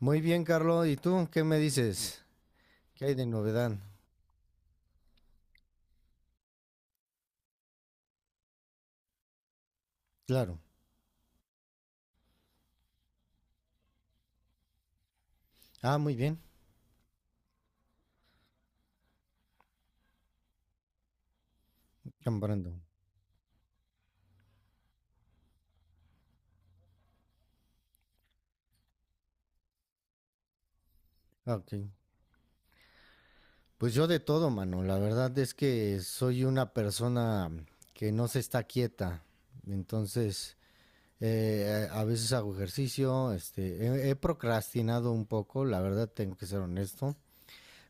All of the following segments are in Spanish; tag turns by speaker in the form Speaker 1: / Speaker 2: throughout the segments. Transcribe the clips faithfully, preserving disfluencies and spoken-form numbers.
Speaker 1: Muy bien, Carlos. ¿Y tú qué me dices? ¿Qué hay de novedad? Claro. Ah, muy bien. Comprando. Ah, ok. Pues yo de todo, mano. La verdad es que soy una persona que no se está quieta. Entonces, eh, a a veces hago ejercicio. Este, he, he procrastinado un poco, la verdad tengo que ser honesto,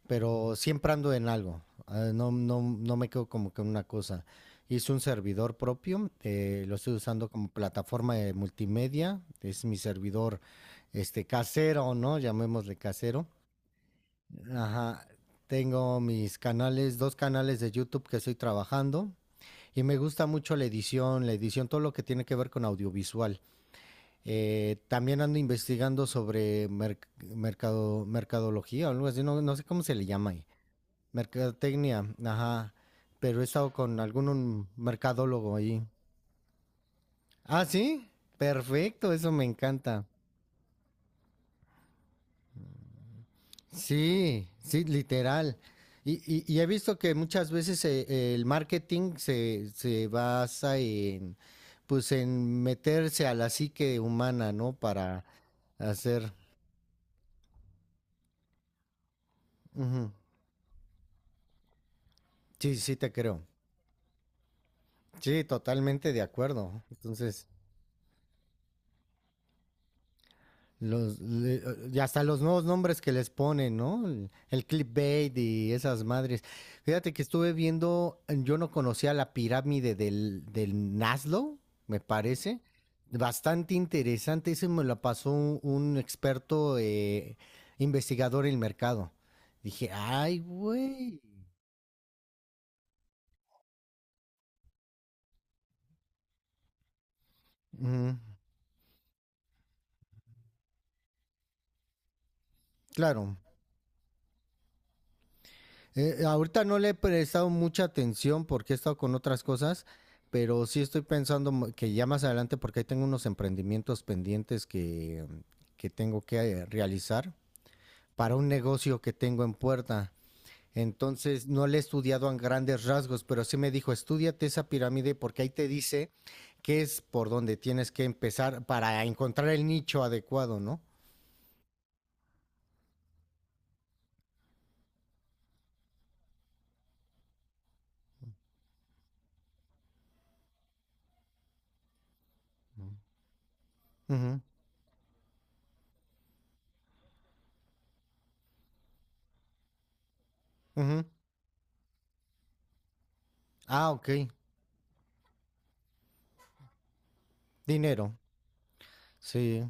Speaker 1: pero siempre ando en algo. Eh, No, no, no me quedo como que en una cosa. Hice un servidor propio, eh, lo estoy usando como plataforma de multimedia. Es mi servidor este casero, ¿no? Llamémosle casero. Ajá. Tengo mis canales, dos canales de YouTube que estoy trabajando. Y me gusta mucho la edición, la edición, todo lo que tiene que ver con audiovisual. Eh, también ando investigando sobre merc- mercado, mercadología o algo así, no, no sé cómo se le llama ahí. Mercadotecnia, ajá. Pero he estado con algún mercadólogo ahí. Ah, sí, perfecto, eso me encanta. Sí, sí, literal. Y, y- y he visto que muchas veces eh, el marketing se, se basa en, pues, en meterse a la psique humana, ¿no? Para hacer... Ujú. Sí, sí, te creo. Sí, totalmente de acuerdo. Entonces, Los, le- y hasta los nuevos nombres que les ponen, ¿no? El, el clickbait y esas madres. Fíjate que estuve viendo, yo no conocía la pirámide del, del Naslo, me parece. Bastante interesante. Ese me lo pasó un, un experto eh, investigador en el mercado. Dije, ay, güey. Ujú, claro. Eh, ahorita no le he prestado mucha atención porque he estado con otras cosas, pero sí estoy pensando mo- que ya más adelante, porque ahí tengo unos emprendimientos pendientes que, que tengo que eh, realizar para un negocio que tengo en puerta. Entonces no le he estudiado a grandes rasgos, pero sí me dijo, estúdiate esa pirámide porque ahí te dice que es por donde tienes que empezar para encontrar el nicho adecuado, ¿no? Ujú, ujú. Ah, ok. Dinero. Sí.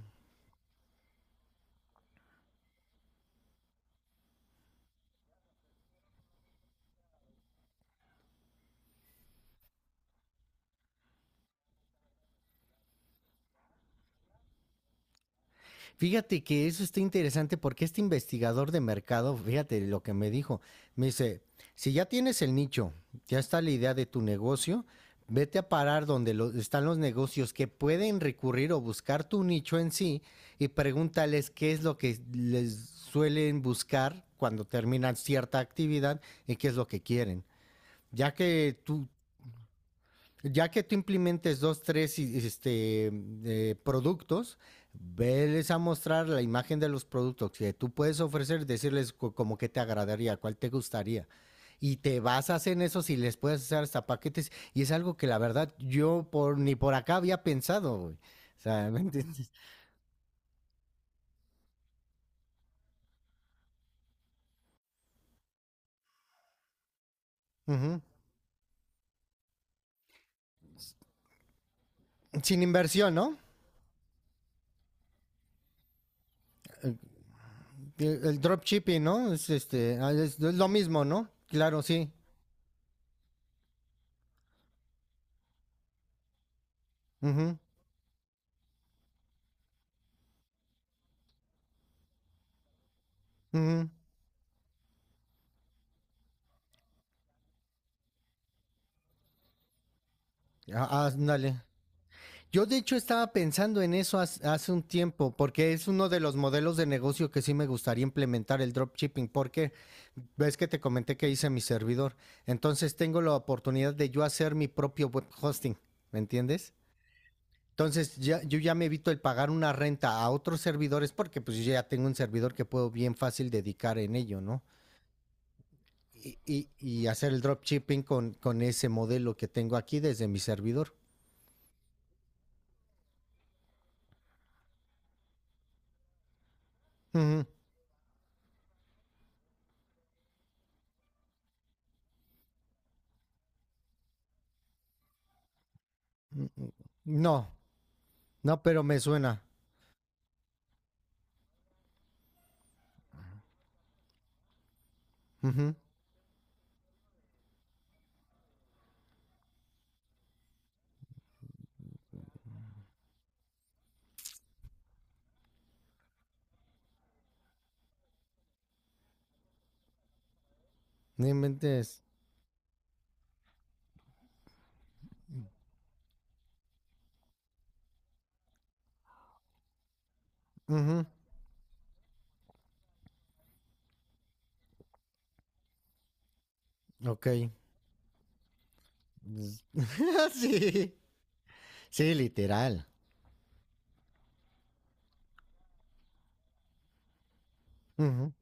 Speaker 1: Fíjate que eso está interesante porque este investigador de mercado, fíjate lo que me dijo, me dice, si ya tienes el nicho, ya está la idea de tu negocio, vete a parar donde lo- están los negocios que pueden recurrir o buscar tu nicho en sí y pregúntales qué es lo que les suelen buscar cuando terminan cierta actividad y qué es lo que quieren. Ya que tú ya que tú implementes dos, tres y- este, eh, productos, veles a mostrar la imagen de los productos que tú puedes ofrecer, decirles co- como que te agradaría, cuál te gustaría. Y te basas en eso si les puedes hacer hasta paquetes. Y es algo que la verdad yo por, ni por acá había pensado, güey. O sea, ¿me entiendes? Ujú. Sin inversión, ¿no? El, el dropshipping, ¿no? Es, este, ah, es- Es lo mismo, ¿no? Claro, sí. Ujú, ujú. Ah, ah, ándale. Yo de hecho estaba pensando en eso haz- hace un tiempo, porque es uno de los modelos de negocio que sí me gustaría implementar el dropshipping, porque ves que te comenté que hice mi servidor. Entonces tengo la oportunidad de yo hacer mi propio web hosting, ¿me entiendes? Entonces ya, yo ya me evito el pagar una renta a otros servidores porque pues yo ya tengo un servidor que puedo bien fácil dedicar en ello, ¿no? Y, y- y hacer el dropshipping con, con ese modelo que tengo aquí desde mi servidor. Ujú. No, no, pero me suena. Ujú. No inventes. Ujú. Ok. Pues, sí. Sí, literal. Ujú.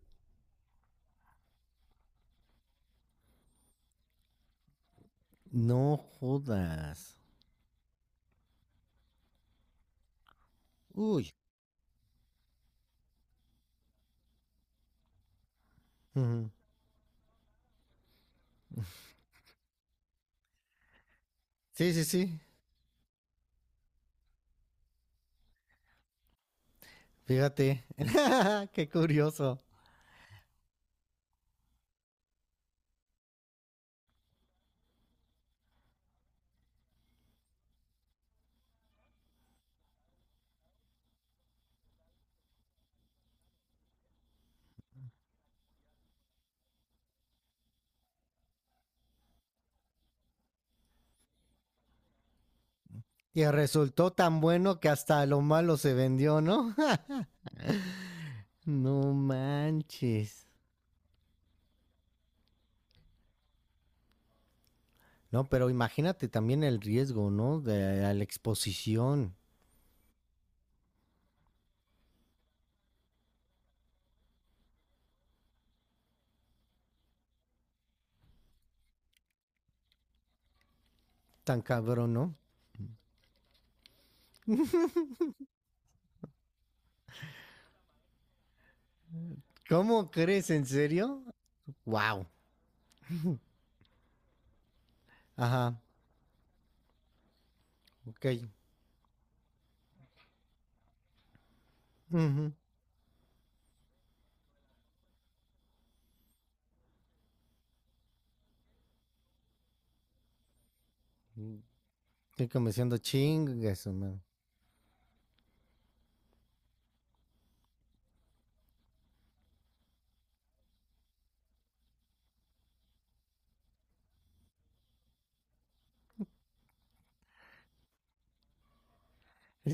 Speaker 1: No jodas. Uy. Ujú, sí, sí, sí. Fíjate. Qué curioso. Y resultó tan bueno que hasta lo malo se vendió, ¿no? No manches. No, pero imagínate también el riesgo, ¿no? De a la exposición. Tan cabrón, ¿no? ¿Cómo crees? ¿En serio? Wow. Ajá. Ok. Ujú. Estoy comenzando chingas, man.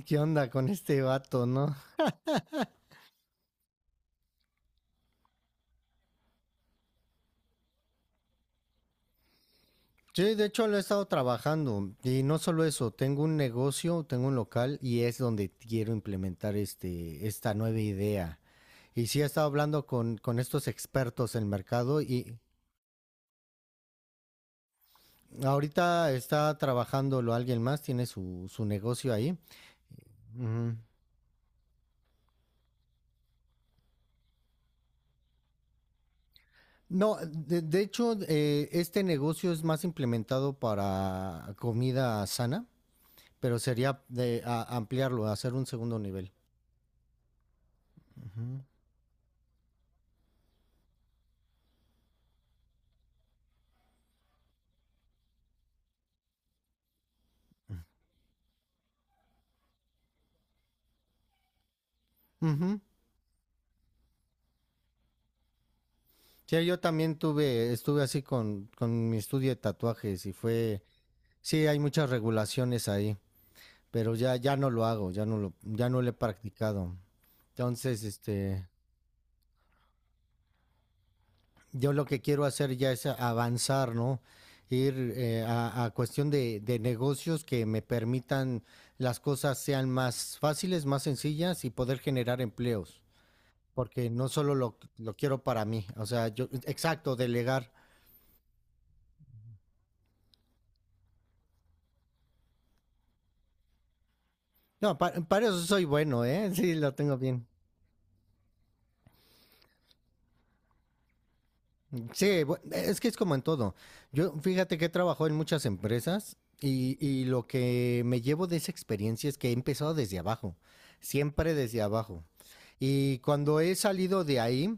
Speaker 1: ¿Qué onda con este vato, no? Sí, de hecho lo he estado trabajando y no solo eso, tengo un negocio, tengo un local y es donde quiero implementar este, esta nueva idea. Y sí he estado hablando con, con estos expertos en mercado y ahorita está trabajándolo alguien más, tiene su, su negocio ahí. Ujú. No, de, de hecho eh, este negocio es más implementado para comida sana, pero sería de a- ampliarlo, hacer un segundo nivel. Ujú. Ujú. Sí, yo también tuve, estuve así con, con mi estudio de tatuajes y fue, sí, hay muchas regulaciones ahí, pero ya, ya no lo hago, ya no lo, ya no lo he practicado. Entonces, este, yo lo que quiero hacer ya es avanzar, ¿no? Ir eh, a, a cuestión de, de negocios que me permitan las cosas sean más fáciles, más sencillas y poder generar empleos, porque no solo lo, lo quiero para mí, o sea, yo, exacto, delegar. No, pa- para, eso soy bueno, ¿eh? Sí, lo tengo bien. Sí, bu- es que es como en todo. Yo, fíjate que he trabajado en muchas empresas y, y lo que me llevo de esa experiencia es que he empezado desde abajo, siempre desde abajo. Y cuando he salido de ahí,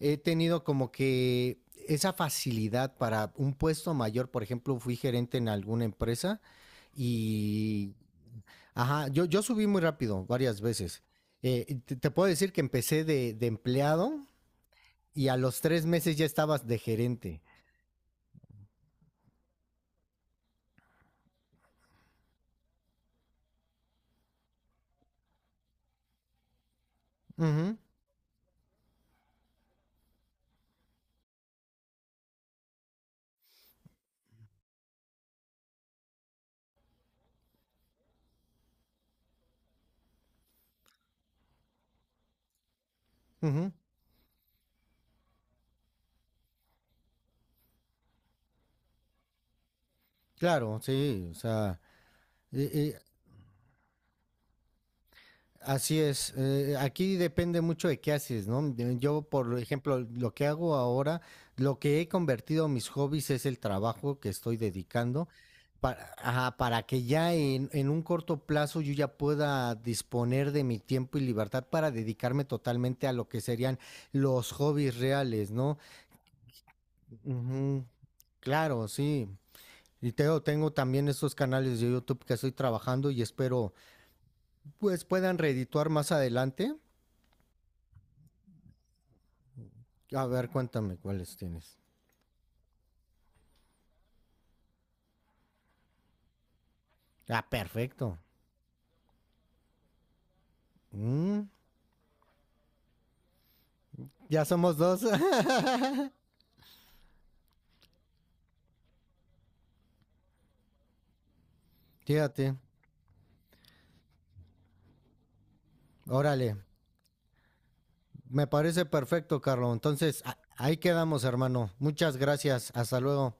Speaker 1: he tenido como que esa facilidad para un puesto mayor. Por ejemplo, fui gerente en alguna empresa y ajá, yo, yo subí muy rápido, varias veces. Eh, te, te puedo decir que empecé de, de empleado y a los tres meses ya estabas de gerente. Ujú, ujú. Claro, sí, o sea, eh, eh, así es, eh, aquí depende mucho de qué haces, ¿no? Yo, por ejemplo, lo que hago ahora, lo que he convertido mis hobbies es el trabajo que estoy dedicando para, ajá, para que ya en, en un corto plazo yo ya pueda disponer de mi tiempo y libertad para dedicarme totalmente a lo que serían los hobbies reales, ¿no? Ujú. Claro, sí. Y tengo, tengo también estos canales de YouTube que estoy trabajando y espero pues puedan reedituar más adelante. A ver, cuéntame cuáles tienes. Ah, perfecto. Mm, ya somos dos. Fíjate. Órale. Me parece perfecto, Carlos. Entonces, a- ahí quedamos, hermano. Muchas gracias. Hasta luego.